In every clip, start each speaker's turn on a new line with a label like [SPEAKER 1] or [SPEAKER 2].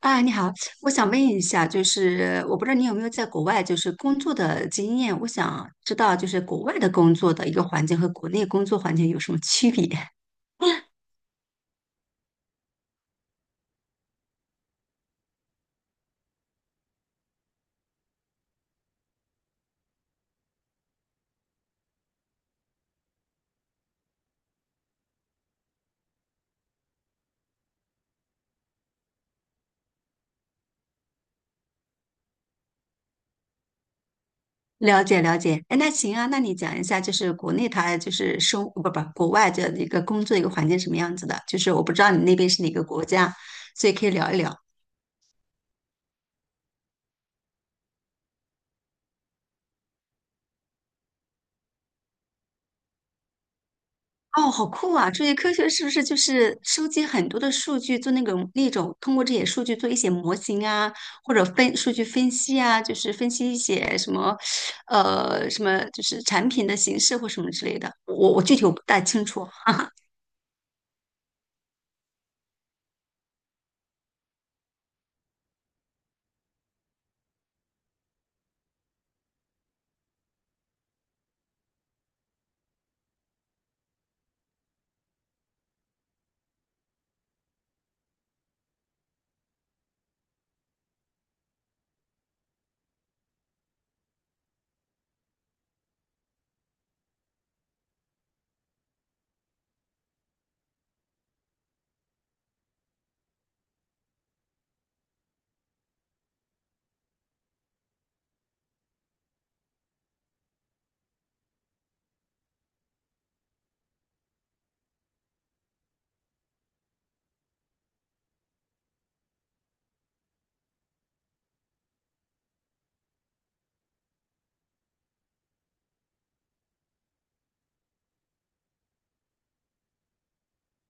[SPEAKER 1] 啊，你好，我想问一下，就是我不知道你有没有在国外就是工作的经验，我想知道就是国外的工作的一个环境和国内工作环境有什么区别？了解了解，哎，那行啊，那你讲一下，就是国内它就是生不不国外的一个工作一个环境什么样子的？就是我不知道你那边是哪个国家，所以可以聊一聊。哦，好酷啊！这些科学是不是就是收集很多的数据，做那种通过这些数据做一些模型啊，或者分数据分析啊，就是分析一些什么，什么就是产品的形式或什么之类的。我具体我不大清楚。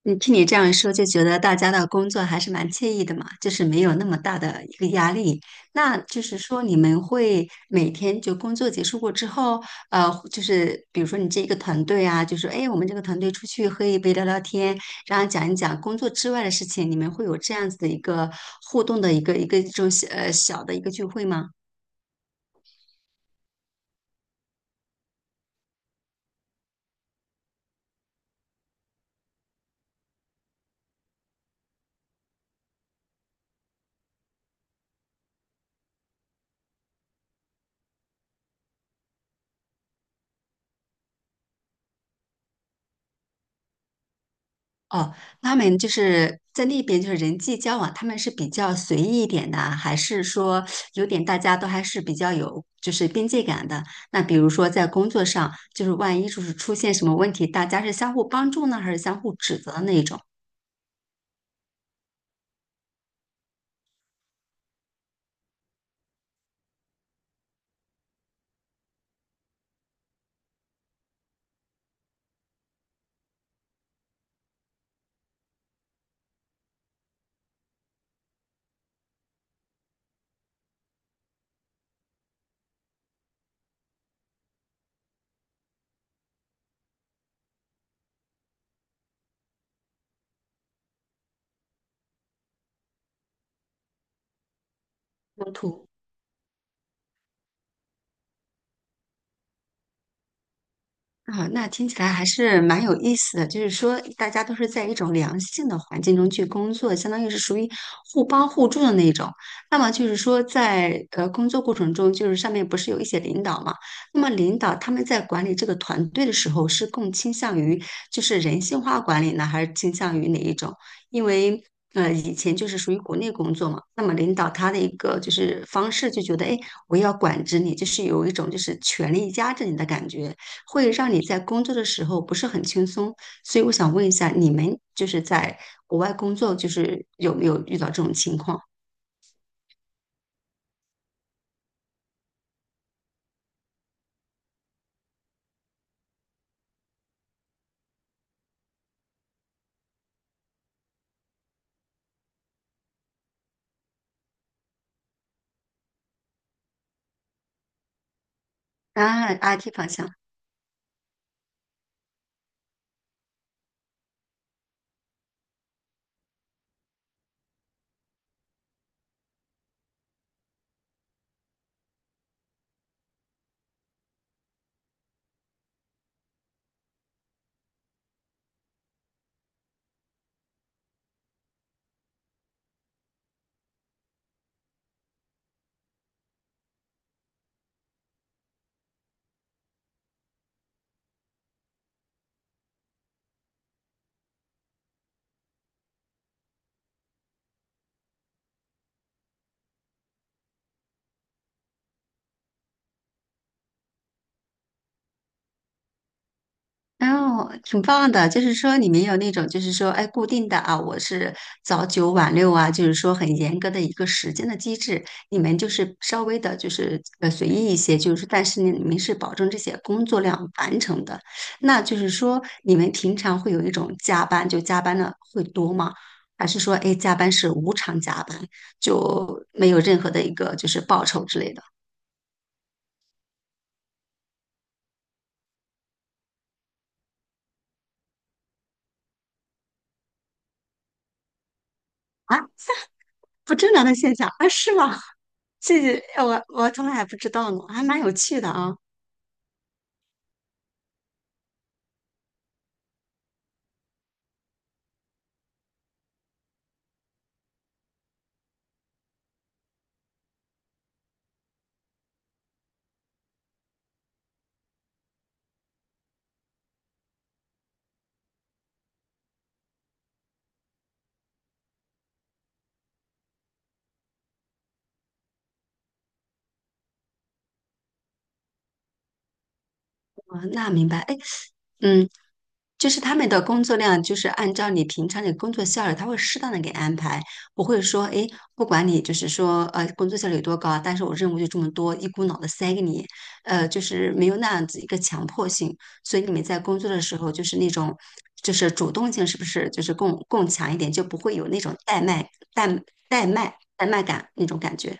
[SPEAKER 1] 你听你这样说，就觉得大家的工作还是蛮惬意的嘛，就是没有那么大的一个压力。那就是说，你们会每天就工作结束过之后，就是比如说你这一个团队啊，就是哎，我们这个团队出去喝一杯聊聊天，然后讲一讲工作之外的事情，你们会有这样子的一个互动的一个这种小的一个聚会吗？哦，他们就是在那边，就是人际交往，他们是比较随意一点的，还是说有点大家都还是比较有就是边界感的？那比如说在工作上，就是万一就是出现什么问题，大家是相互帮助呢，还是相互指责的那一种冲突？啊，那听起来还是蛮有意思的。就是说，大家都是在一种良性的环境中去工作，相当于是属于互帮互助的那种。那么就是说在，呃工作过程中，就是上面不是有一些领导嘛？那么领导他们在管理这个团队的时候，是更倾向于就是人性化管理呢，还是倾向于哪一种？因为以前就是属于国内工作嘛，那么领导他的一个就是方式就觉得，哎，我要管制你，就是有一种就是权力压制你的感觉。会让你在工作的时候不是很轻松。所以我想问一下，你们就是在国外工作，就是有没有遇到这种情况？啊，阿 T 方向。哦，挺棒的，就是说你们有那种，就是说，哎，固定的啊，我是早九晚六啊，就是说很严格的一个时间的机制。你们就是稍微的，就是随意一些，就是但是呢，你们是保证这些工作量完成的。那就是说，你们平常会有一种加班，就加班的会多吗？还是说，哎，加班是无偿加班，就没有任何的一个就是报酬之类的？不正常的现象啊？是吗？我从来还不知道呢，还蛮有趣的啊。啊，那明白。哎，嗯，就是他们的工作量，就是按照你平常的工作效率，他会适当的给安排，不会说，哎，不管你就是说，工作效率有多高啊，但是我任务就这么多，一股脑的塞给你，就是没有那样子一个强迫性。所以你们在工作的时候，就是那种，就是主动性是不是就是更强一点，就不会有那种怠慢、怠怠慢感那种感觉。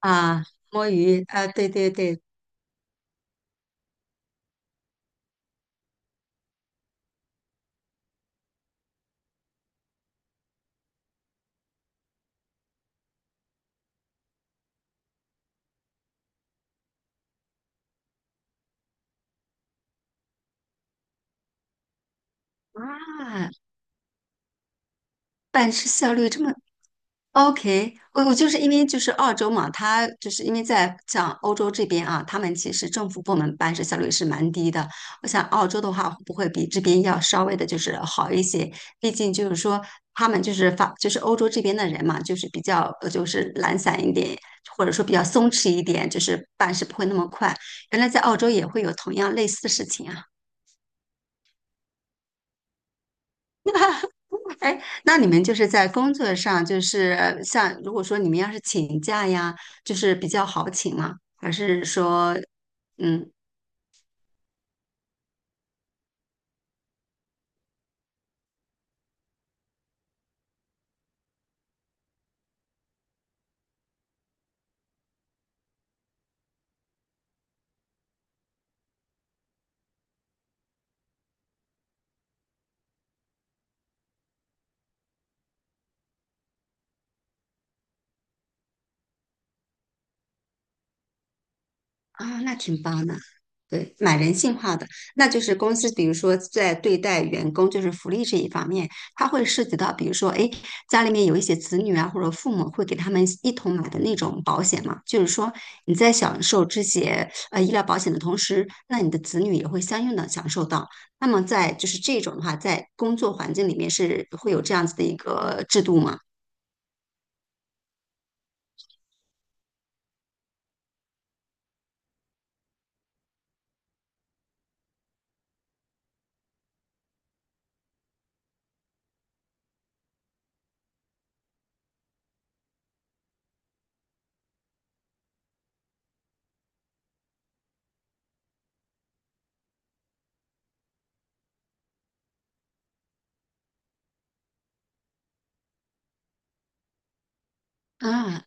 [SPEAKER 1] 啊，摸鱼啊，对对对，啊，办事效率这么 OK,我就是因为就是澳洲嘛，他就是因为在像欧洲这边啊，他们其实政府部门办事效率是蛮低的。我想澳洲的话，会不会比这边要稍微的就是好一些？毕竟就是说他们就是法就是欧洲这边的人嘛，就是比较就是懒散一点，或者说比较松弛一点，就是办事不会那么快。原来在澳洲也会有同样类似的事情啊。哎，那你们就是在工作上，就是像如果说你们要是请假呀，就是比较好请吗？还是说，嗯？啊，那挺棒的，对，蛮人性化的。那就是公司，比如说在对待员工，就是福利这一方面，它会涉及到，比如说，哎，家里面有一些子女啊，或者父母会给他们一同买的那种保险嘛。就是说，你在享受这些医疗保险的同时，那你的子女也会相应的享受到。那么在就是这种的话，在工作环境里面是会有这样子的一个制度吗？啊，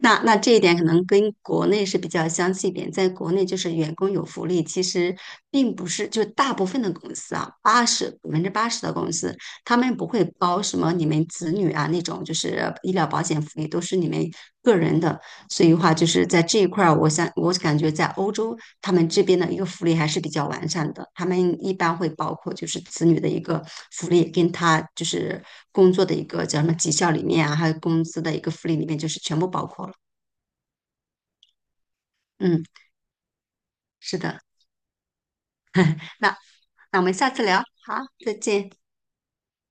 [SPEAKER 1] 那那这一点可能跟国内是比较相似一点，在国内就是员工有福利，其实并不是就大部分的公司啊，80%的公司，他们不会包什么你们子女啊那种，就是医疗保险福利都是你们个人的。所以的话，就是在这一块儿，我想我感觉在欧洲他们这边的一个福利还是比较完善的。他们一般会包括就是子女的一个福利，跟他就是工作的一个叫什么绩效里面啊，还有工资的一个福利里面，就是全部包括了。嗯，是的。那那我们下次聊，好，再见。